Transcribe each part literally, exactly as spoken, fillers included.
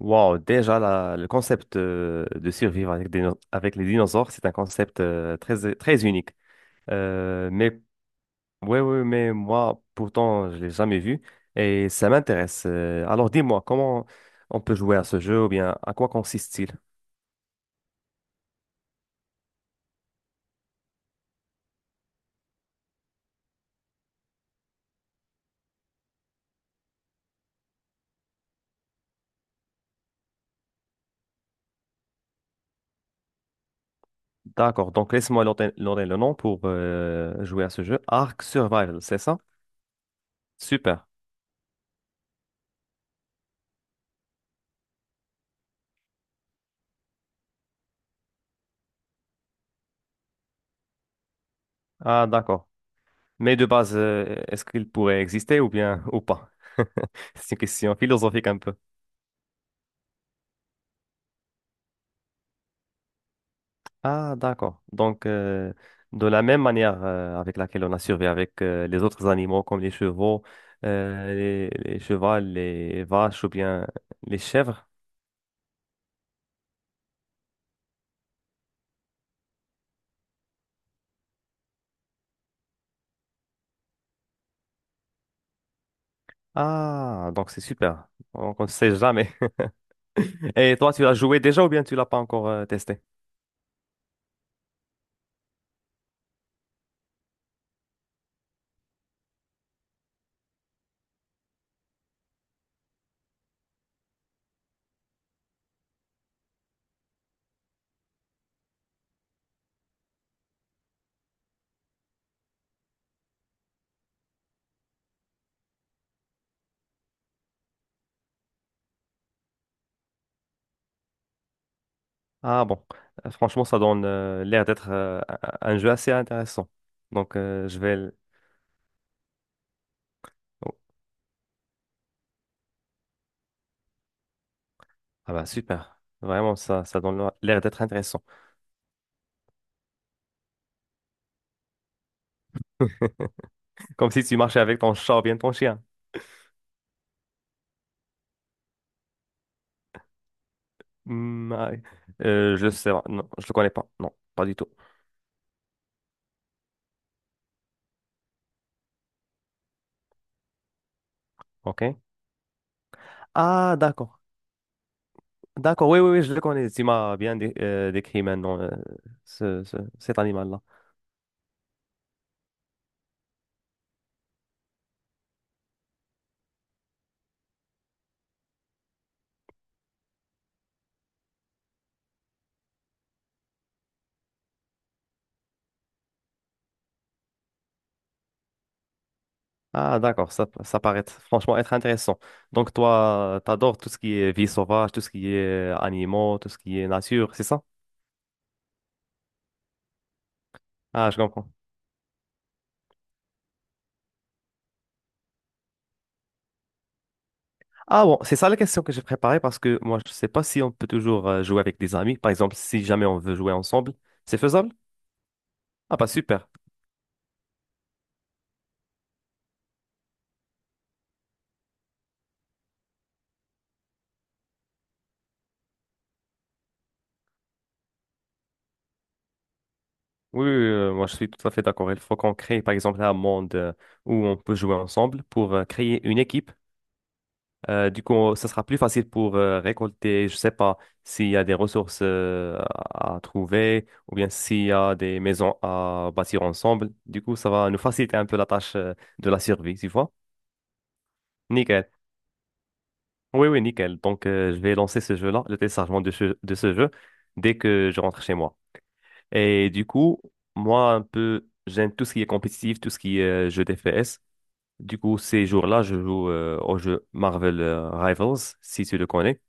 Wow, déjà la- le concept euh, de survivre avec, des, dino- avec les dinosaures, c'est un concept euh, très, très unique. Euh, mais ouais, ouais, mais moi, pourtant, je l'ai jamais vu et ça m'intéresse. Euh, alors, dis-moi, comment on peut jouer à ce jeu ou bien à quoi consiste-t-il? D'accord, donc laisse-moi noter noter le nom pour euh, jouer à ce jeu. Ark Survival, c'est ça? Super. Ah, d'accord. Mais de base, euh, est-ce qu'il pourrait exister ou bien ou pas? C'est une question philosophique un peu. Ah, d'accord. Donc, euh, de la même manière euh, avec laquelle on a survécu avec euh, les autres animaux comme les chevaux, euh, les, les chevaux, les vaches ou bien les chèvres. Ah, donc c'est super. Donc, on ne sait jamais. Et toi, tu l'as joué déjà ou bien tu l'as pas encore euh, testé? Ah bon. Euh, franchement, ça donne euh, l'air d'être euh, un un jeu assez intéressant. Donc, euh, je vais... l- oh, ah bah super, vraiment, ça, ça donne l'air d'être intéressant. Comme si tu marchais avec ton chat ou bien ton chien. Hmm, ah, oui. Euh, je sais pas, non, je le connais pas. Non, pas du tout. OK. Ah d'accord, d'accord, oui, oui, oui, je le connais. Tu m'as bien dé- euh, décrit maintenant euh, ce, ce- cet animal-là. Ah, d'accord, ça, ça paraît être- franchement être intéressant. Donc, toi, t'adores tout ce qui est vie sauvage, tout ce qui est animaux, tout ce qui est nature, c'est ça? Ah, je comprends. Ah bon, c'est ça la question que j'ai préparée parce que moi, je sais pas si on peut toujours euh, jouer avec des amis. Par exemple, si jamais on veut jouer ensemble, c'est faisable? Ah, bah super. Oui, oui, oui, euh, moi, je suis tout à fait d'accord. Il faut qu'on crée, par exemple, un monde euh, où on peut jouer ensemble pour euh, créer une équipe. Euh, du coup, on- ça sera plus facile pour euh, récolter, je sais pas, s'il y a des ressources euh, à à trouver ou bien s'il y a des maisons à bâtir ensemble. Du coup, ça va nous faciliter un peu la tâche euh, de la survie, tu vois? Nickel. Oui, oui, nickel. Donc, euh, je vais lancer ce jeu-là, le téléchargement de, ce- de ce jeu, dès que je rentre chez moi. Et du coup, moi, un peu, j'aime tout ce qui est compétitif, tout ce qui est euh, jeu d'F P S. Du coup, ces jours-là, je joue euh, au jeu Marvel euh, Rivals, si tu le connais.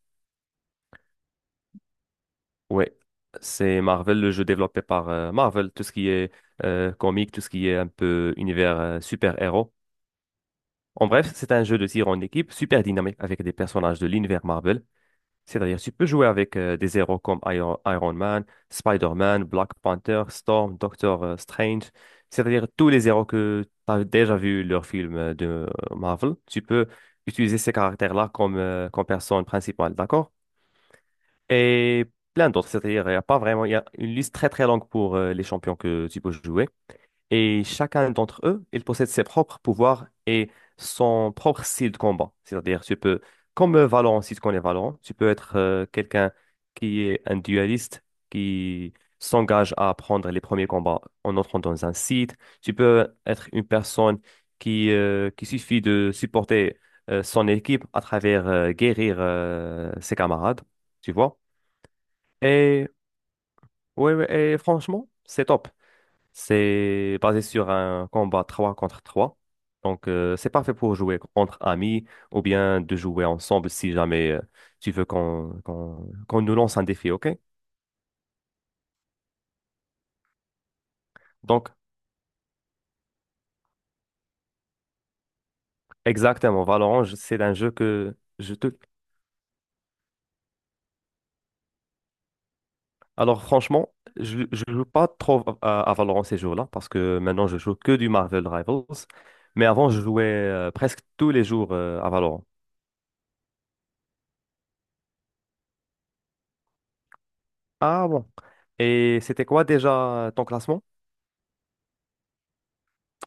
Ouais, c'est Marvel, le jeu développé par euh, Marvel, tout ce qui est euh, comique, tout ce qui est un peu univers euh, super-héros. En bref, c'est un jeu de tir en équipe super dynamique avec des personnages de l'univers Marvel. C'est-à-dire, tu peux jouer avec euh, des héros comme Iron, Iron Man, Spider-Man, Black Panther, Storm, Doctor euh, Strange. C'est-à-dire, tous les héros que tu as déjà vu leur film euh, de euh, Marvel, tu peux utiliser ces caractères-là comme, euh, comme personne principale, d'accord? Et plein d'autres, c'est-à-dire, il n'y a pas vraiment, il y a une liste très très longue pour euh, les champions que tu peux jouer. Et chacun d'entre eux, il possède ses propres pouvoirs et son propre style de combat. C'est-à-dire, tu peux, comme euh, Valorant, si tu connais Valorant, tu peux être euh, quelqu'un qui est un dualiste, qui, s'engage à prendre les premiers combats en entrant dans un site. Tu peux être une personne qui, euh, qui suffit de supporter euh, son équipe à travers euh, guérir euh, ses camarades, tu vois? Et, ouais, ouais, et franchement, c'est top. C'est basé sur un combat trois contre trois. Donc, euh, c'est parfait pour jouer entre amis ou bien de jouer ensemble si jamais euh, tu veux qu'on qu'on qu'on nous lance un défi, OK? Donc, exactement, Valorant, je- c'est un jeu que je te... Alors, franchement, je ne joue pas trop à, à Valorant ces jours-là parce que maintenant, je joue que du Marvel Rivals. Mais avant, je jouais euh, presque tous les jours euh, à Valorant. Ah bon. Et c'était quoi déjà ton classement?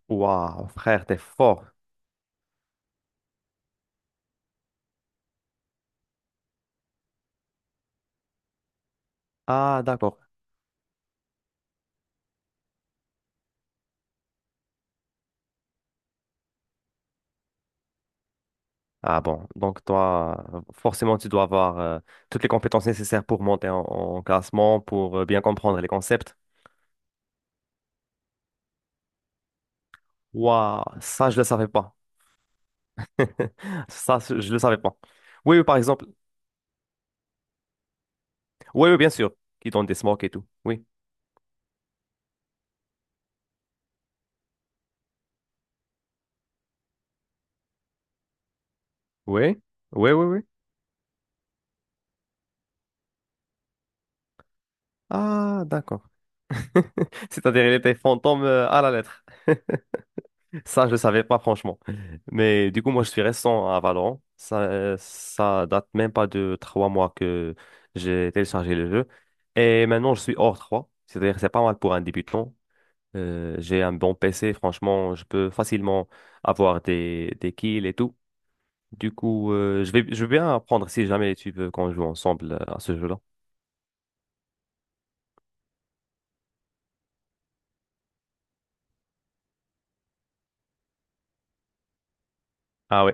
Waouh, frère, t'es fort. Ah d'accord. Ah bon. Donc toi, forcément, tu dois avoir euh, toutes les compétences nécessaires pour monter en, en classement, pour euh, bien comprendre les concepts. Waouh, ça, je le savais pas. Ça, je je le savais pas. Oui, oui, par exemple. Oui, oui, bien sûr. Qui donne des smokes et tout. Oui. Oui. Oui, oui, oui. Ah d'accord. C'est-à-dire, il était fantôme euh, à la lettre. Ça, je le savais pas, franchement. Mais du coup, moi, je suis récent à Valorant. Ça, euh, ça date même pas de trois mois que j'ai téléchargé le jeu. Et maintenant, je suis hors trois. C'est-à-dire que c'est pas mal pour un débutant. Euh, j'ai un bon P C, franchement, je peux facilement avoir des, des kills et tout. Du coup, euh, je vais, je veux bien apprendre si jamais tu veux qu'on joue ensemble euh, à ce jeu-là. Ah oui.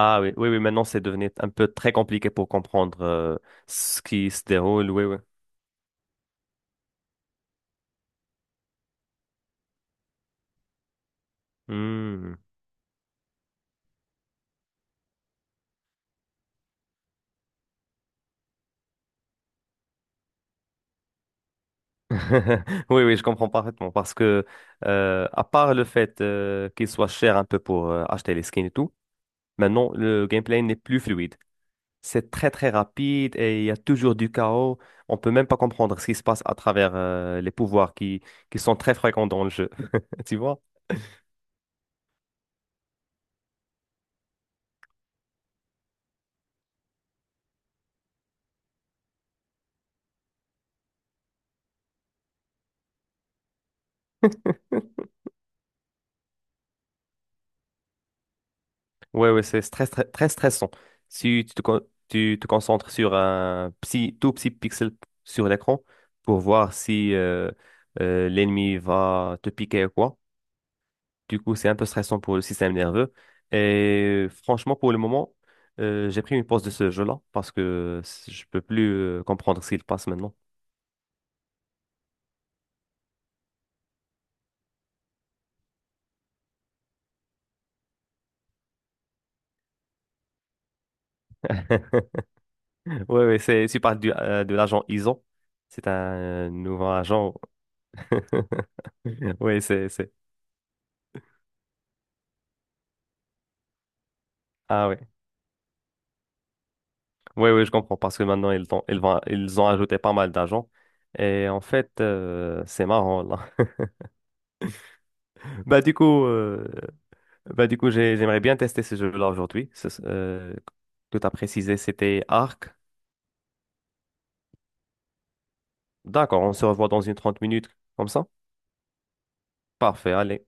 Ah oui, oui, oui, maintenant c'est devenu un peu très compliqué pour comprendre euh, ce qui se déroule, oui, oui. Hmm. Oui, oui, je comprends parfaitement parce que, euh, à part le fait euh, qu'il soit cher un peu pour euh, acheter les skins et tout, maintenant le gameplay n'est plus fluide. C'est très très rapide et il y a toujours du chaos. On peut même pas comprendre ce qui se passe à travers euh, les pouvoirs qui, qui sont très fréquents dans le jeu. Tu vois? Ouais, ouais, c'est très, très, très stressant. Si tu te, con- tu te concentres sur un petit, tout petit pixel sur l'écran pour voir si euh, euh, l'ennemi va te piquer ou quoi, du coup, c'est un peu stressant pour le système nerveux. Et euh, franchement, pour le moment, euh, j'ai pris une pause de ce jeu-là parce que c- je peux plus euh, comprendre ce qu'il passe maintenant. Oui, oui, c'est, tu parles du, euh, de l'agent I S O. C'est un nouveau agent. Oui, c'est, c'est. Ah oui. Oui, oui, je comprends parce que maintenant, ils ont, ils vont, ils ont ajouté pas mal d'agents. Et en fait, euh, c'est marrant, là. Bah, du coup, euh, Bah, du coup, j'ai- j'aimerais bien tester ce jeu-là aujourd'hui. Ce- Euh, que tu as précisé, c'était Arc. D'accord, on se revoit dans une trente minutes, comme ça? Parfait, allez.